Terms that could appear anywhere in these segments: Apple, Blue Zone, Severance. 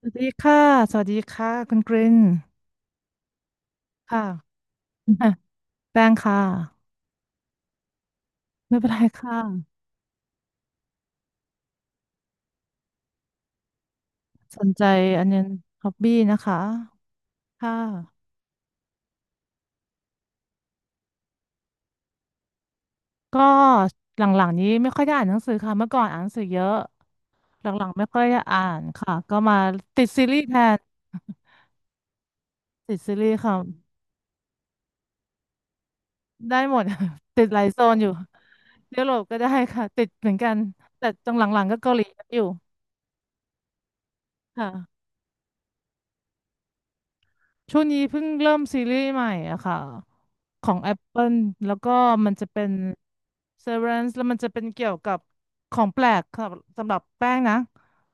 สวัสดีค่ะสวัสดีค่ะคุณกรินค่ะอ่ะ แป้งค่ะไม่เป็นไรค่ะสนใจอันเนี้ยฮอบบี้นะคะค่ะก็หลังๆนี้ไม่ค่อยได้อ่านหนังสือค่ะเมื่อก่อนอ่านหนังสือเยอะหลังๆไม่ค่อยได้อ่านค่ะก็มาติดซีรีส์แทน ติดซีรีส์ค่ะได้หมด ติดหลายโซนอยู่ยุโรปก็ได้ค่ะติดเหมือนกันแต่ตรงหลังๆก็เกาหลีอยู่ค่ะ ช่วงนี้เพิ่งเริ่มซีรีส์ใหม่อะค่ะของ Apple แล้วก็มันจะเป็น Severance แล้วมันจะเป็นเกี่ยวกับของแปลกค่ะสำหรับแป้งนะ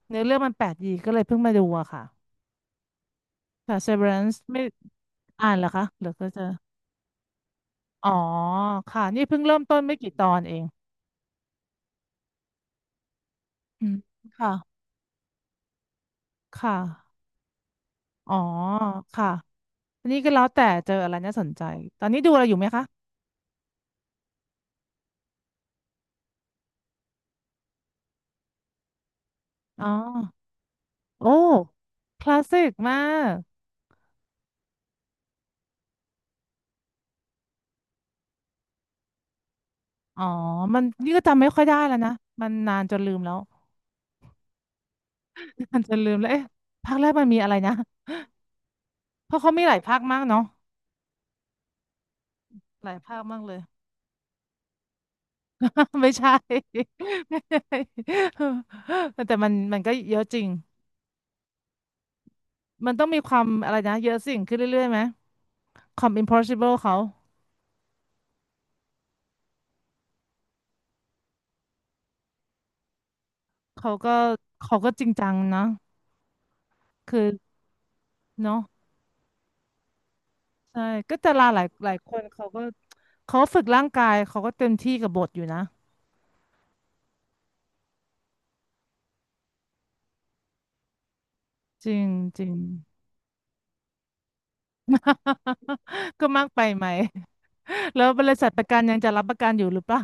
เนื้อเรื่องมันแปลกดีก็เลยเพิ่งมาดูอะค่ะค่ะ Severance ไม่อ่านเหรอคะหรือก็จะอ๋อค่ะนี่เพิ่งเริ่มต้นไม่กี่ตอนเองอืมค่ะค่ะอ๋อค่ะอันนี้ก็แล้วแต่เจออะไรน่าสนใจตอนนี้ดูอะไรอยู่ไหมคะอ๋อโอ้คลาสสิกมาก อ๋อมันนี่ก็จำไม่ค่อยได้แล้วนะมันนานจนลืมแล้ว นานจนลืมแล้วเอ๊ะภาคแรกมันมีอะไรนะเพราะเขามีหลายภาคมากเนาะหลายภาคมากเลย ไม่ใช่ ไม่ใช่ แต่มันก็เยอะจริงมันต้องมีความอะไรนะเยอะสิ่งขึ้นเรื่อยๆไหมความ impossible เขาเขาก็เขาก็จริงจังนะคือเนาะใช่ก็ดาราหลายหลายคนเขาก็เขาฝึกร่างกายเขาก็เต็มที่กับบทอยู่นะ จริงจริง ก็มากไปไหม แล้วบริษัทประกันยังจะรับประกันอยู่หรือเปล่า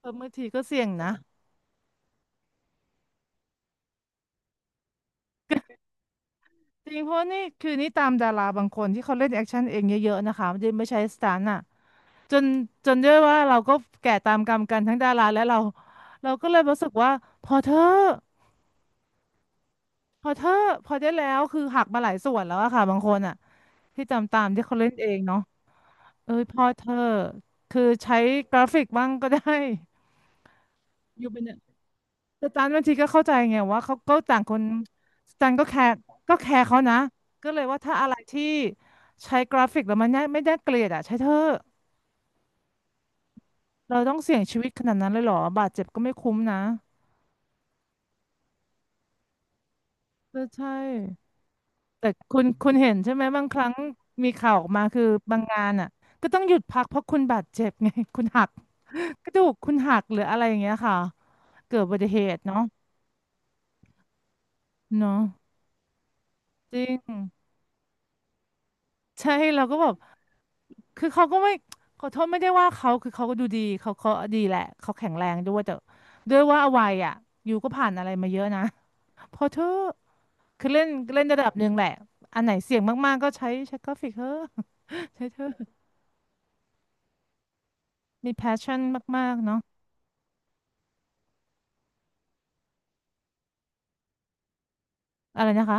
เออบางทีก็เสี่ยงนะจริงเพราะนี่คือนี่ตามดาราบางคนที่เขาเล่นแอคชั่นเองเยอะๆนะคะไม่ได้ไม่ใช้สตันต์อ่ะจนจนด้วยว่าเราก็แก่ตามกรรมกันทั้งดาราและเราเราก็เลยรู้สึกว่าพอเธอะพอเธอะพอได้แล้วคือหักมาหลายส่วนแล้วอะค่ะบางคนอ่ะที่ตามที่เขาเล่นเองเนาะเอ้ยพอเธอะคือใช้กราฟิกบ้างก็ได้อยู่เป็น แต่จันบางทีก็เข้าใจไงว่าเขาก็ต่างคนจันก็แคร์เขานะก็เลยว่าถ้าอะไรที่ใช้กราฟิกแล้วมันไม่ได้เกลียดอ่ะใช่เธอะเราต้องเสี่ยงชีวิตขนาดนั้นเลยเหรอบาดเจ็บก็ไม่คุ้มนะเออใช่แต่คุณเห็นใช่ไหมบางครั้งมีข่าวออกมาคือบางงานอ่ะก็ต้องหยุดพักเพราะคุณบาดเจ็บไง คุณหักกระดูกคุณหักหรืออะไรอย่างเงี้ยค่ะเกิดอุบัติเหตุเนาะเนาะจริงใช่เราก็แบบ คือเขาก็ไม่ขอโทษไม่ได้ว่าเขาคือเขาก็ดูดีเขาดีแหละเขาแข็งแรงด้วยแต่ด้วยว่าวัยอ่ะอยู่ก็ผ่านอะไรมาเยอะนะ พอเธอะคือเล่นเล่นระดับหนึ่งแหละอันไหนเสี่ยงมากๆก็ใช้กราฟิกเถอะ ใช้เถอะมีแพชชั่นมากๆเนาะอะไรนะคะ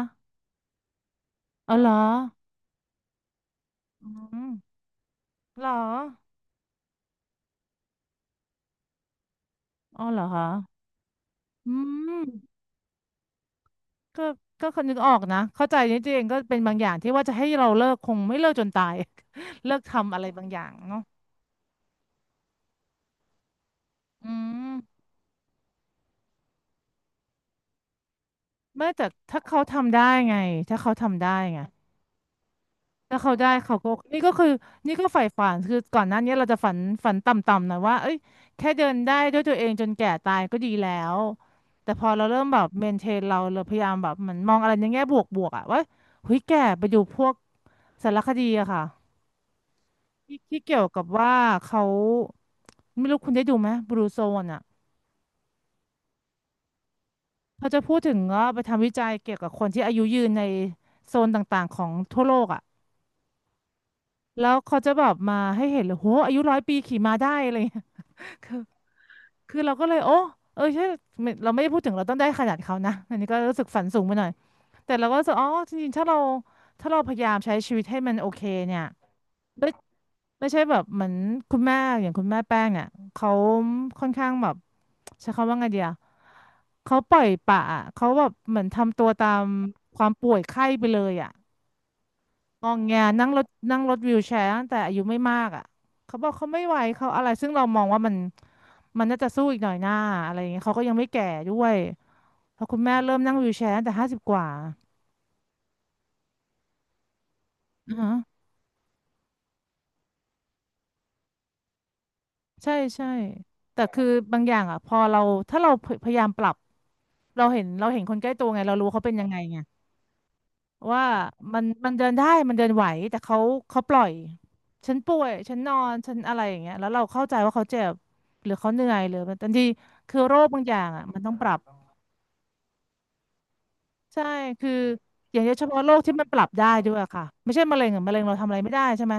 เอาเหรออืมเหรออ๋อเหรอคะอืมก็ก็คนนึกออกนะเข้าใจนี่ตัวเองก็เป็นบางอย่างที่ว่าจะให้เราเลิกคงไม่เลิกจนตาย เลิกทำอะไรบางอย่างเนาะอืม ไม่แต่ถ้าเขาทำได้ไงถ้าเขาทำได้ไงถ้าเขาได้เขาก็นี่ก็คือนี่ก็ใฝ่ฝันคือก่อนหน้านี้เราจะฝันต่ำๆหนะว่าเอ้ยแค่เดินได้ด้วยตัวเองจนแก่ตายก็ดีแล้วแต่พอเราเริ่มแบบเมนเทนเราพยายามแบบเหมือนมองอะไรในแง่บวกๆอะว่าเฮ้ยแก่ไปดูพวกสารคดีอะค่ะที่ที่เกี่ยวกับว่าเขาไม่รู้คุณได้ดูไหมบลูโซนอะเขาจะพูดถึงว่าไปทำวิจัยเกี่ยวกับคนที่อายุยืนในโซนต่างๆของทั่วโลกอะ แล้วเขาจะแบบมาให้เห็นเลยโหอายุ100 ปีขี่ม้าได้อะไรเงี้ย คือคือเราก็เลยโอ้เออใช่ไม่เราไม่ได้พูดถึงเราต้องได้ขนาดเขานะอันนี้ก็รู้สึกฝันสูงไปหน่อยแต่เราก็รู้สึกอ๋อจริงๆถ้าเราพยายามใช้ชีวิตให้มันโอเคเนี่ยไม่ไม่ใช่แบบเหมือนคุณแม่อย่างคุณแม่แป้งเนี่ยเขาค่อนข้างแบบใช้คำว่าไงเดียเขาปล่อยปละอะเขาแบบเหมือนทำตัวตามความป่วยไข้ไปเลยอ่ะ งองแงนั่งรถวีลแชร์ตั้งแต่อายุไม่มากอ่ะเขาบอกเขาไม่ไหวเขาอะไรซึ่งเรามองว่ามันมันน่าจะสู้อีกหน่อยหน้าอะไรอย่างเงี้ยเขาก็ยังไม่แก่ด้วยเพอคุณแม่เริ่มนั่งวีลแชร์ตั้งแต่50 กว่าอือฮะใช่ใช่แต่คือบางอย่างอ่ะพอเราถ้าเราพยายามปรับเราเห็นคนใกล้ตัวไงเรารู้เขาเป็นยังไงไง ว่ามันมันเดินได้มันเดินไหวแต่เขาเขาปล่อยฉันป่วยฉันนอนฉันอะไรอย่างเงี้ยแล้วเราเข้าใจว่าเขาเจ็บหรือเขาเหนื่อยหรือมันบางทีคือโรคบางอย่างอ่ะมันต้องปรับใช่คืออย่างเฉพาะโรคที่มันปรับได้ด้วยอะค่ะไม่ใช่มะเร็งอะมะเร็งเราทำอะไรไม่ได้ใช่ไหม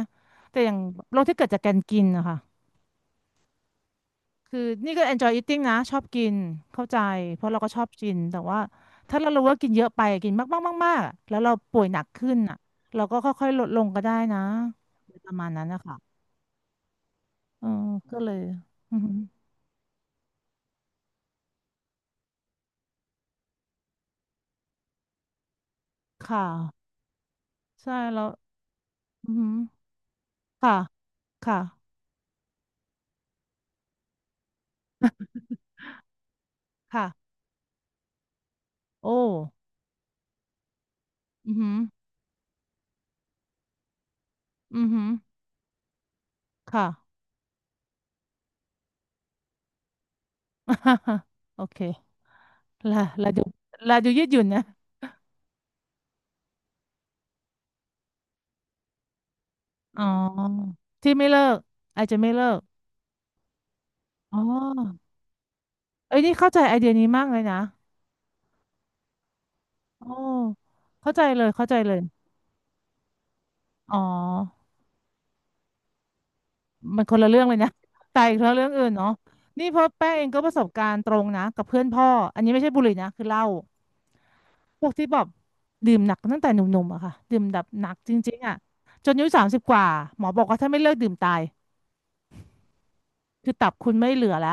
แต่อย่างโรคที่เกิดจากการกินนะคะ คือนี่ก็ enjoy eating นะชอบกินเข้าใจเพราะเราก็ชอบกินแต่ว่าถ้าเรารู้ว่ากินเยอะไปกินมากมากมากมากแล้วเราป่วยหนักขึ้นอ่ะเราก็ค่อยๆลดลงก็ได้นะประมาณนั้นนะคะเออก็เลยอือหือค่ะใช่แล้วอือหือค่ะค่ะค่ะโอ้อือหืออือหือค่ะ โอเคลาลาดูลาดูยืดหยุ่นนะอ๋อที่ไม่เลิกอาจจะไม่เลิกอ๋อ เอ้ยนี่เข้าใจไอเดียนี้มากเลยนะโอ้เข้าใจเลยเข้าใจเลยอ๋อมันคนละเรื่องเลยนะ แต่อีกเรื่องอื่นเนาะนี่เพราะแป้งเองก็ประสบการณ์ตรงนะกับเพื่อนพ่ออันนี้ไม่ใช่บุหรี่นะคือเหล้าพวกที่แบบดื่มหนักตั้งแต่หนุ่มๆอะค่ะดื่มแบบหนักจริงๆอะจนอายุ30 กว่าหมอบอกว่าถ้าไม่เลิกดื่มตาย คือตับคุณไม่เหลือแล้ว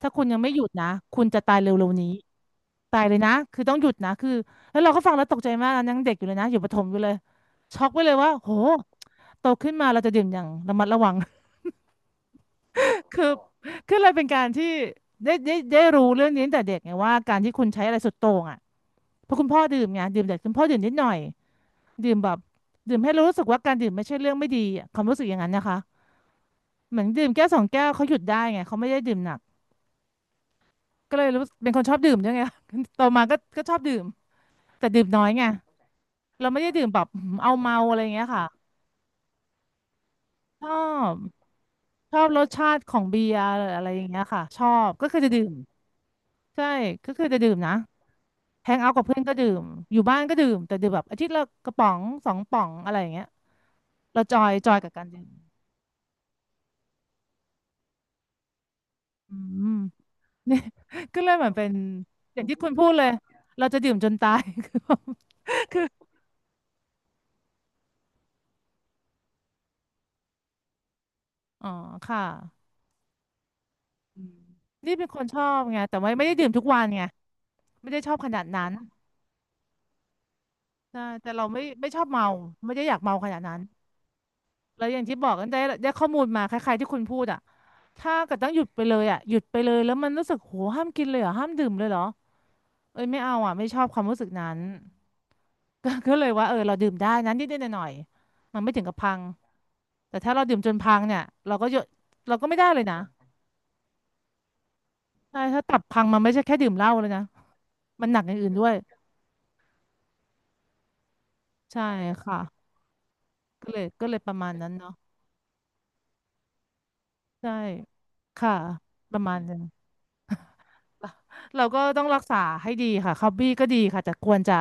ถ้าคุณยังไม่หยุดนะ คุณจะตายเร็วๆนี้ตายเลยนะ คือต้องหยุดนะคือแล้วเราก็ฟังแล้วตกใจมากนะยังเด็กอยู่เลยนะอยู่ประถมอยู่เลยช็อกไปเลยว่าโหโตขึ้นมาเราจะดื่มอย่างระมัดระวัง คือคือเลยเป็นการที่ได้รู้เรื่องนี้ตั้งแต่เด็กไงว่าการที่คุณใช้อะไรสุดโต่งอ่ะเพราะคุณพ่อดื่มไงดื่มแต่คุณพ่อดื่มนิดหน่อยดื่มแบบดื่มให้รู้สึกว่าการดื่มไม่ใช่เรื่องไม่ดีอะความรู้สึกอย่างนั้นนะคะเหมือนดื่มแก้วสองแก้วเขาหยุดได้ไงเขาไม่ได้ดื่มหนัก ก็เลยรู้เป็นคนชอบดื่มด้วยไง โตมาก็ชอบดื่มแต่ดื่มน้อยไงเราไม่ได้ดื่มแบบเอาเมาอะไรอย่างเงี้ยค่ะชอบชอบรสชาติของเบียร์อะไรอย่างเงี้ยค่ะชอบก็คือจะดื่มใช่ก็คือจะดื่มนะแฮงเอาท์กับเพื่อนก็ดื่มอยู่บ้านก็ดื่มแต่ดื่มแบบอาทิตย์ละกระป๋องสองป๋องอะไรอย่างเงี้ยเราจอยจอยกับการดื่มอืม เนี่ย ก็เลยเหมือนเป็นอย่างที่คุณพูดเลยเราจะดื่มจนตาย คืออ๋อค่ะ นี่เป็นคนชอบไงแต่ไม่ได้ดื่มทุกวันไงไม่ได้ชอบขนาดนั้นใช่แต่เราไม่ชอบเมาไม่ได้อยากเมาขนาดนั้นแล้วอย่างที่บอกกันได้ข้อมูลมาคล้ายๆที่คุณพูดอ่ะถ้าเกิดต้องหยุดไปเลยอ่ะหยุดไปเลยแล้วมันรู้สึกโหห้ามกินเลยเหรอห้ามดื่มเลยเหรอเอ้ยไม่เอาอ่ะไม่ชอบความรู้สึกนั้น ก็เลยว่าเออเราดื่มได้นั้นนิดๆหน่อยๆมันไม่ถึงกับพังแต่ถ้าเราดื่มจนพังเนี่ยเราก็หยุดเราก็ไม่ได้เลยนะใช่ถ้าตับพังมันไม่ใช่แค่ดื่มเหล้าเลยนะมันหนักอย่างอื่นด้วยใช่ค่ะ ก็เลยประมาณนั้นเนาะใช่ค่ะประมาณนึงเราก็ต้องรักษาให้ดีค่ะฮอบบี้ก็ดีค่ะแต่ควรจะ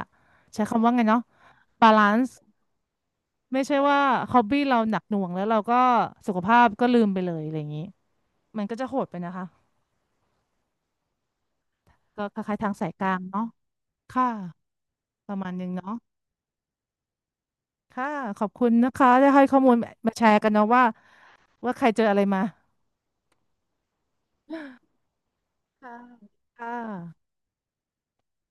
ใช้คำว่าไงเนาะบาลานซ์ไม่ใช่ว่าฮอบบี้เราหนักหน่วงแล้วเราก็สุขภาพก็ลืมไปเลยอะไรอย่างนี้มันก็จะโหดไปนะคะก็คล้ายๆทางสายกลางเนาะค่ะประมาณนึงเนาะค่ะขอบคุณนะคะที่ให้ข้อมูลมาแชร์กันเนาะว่าใครเจออะไรมาค่ะค่ะ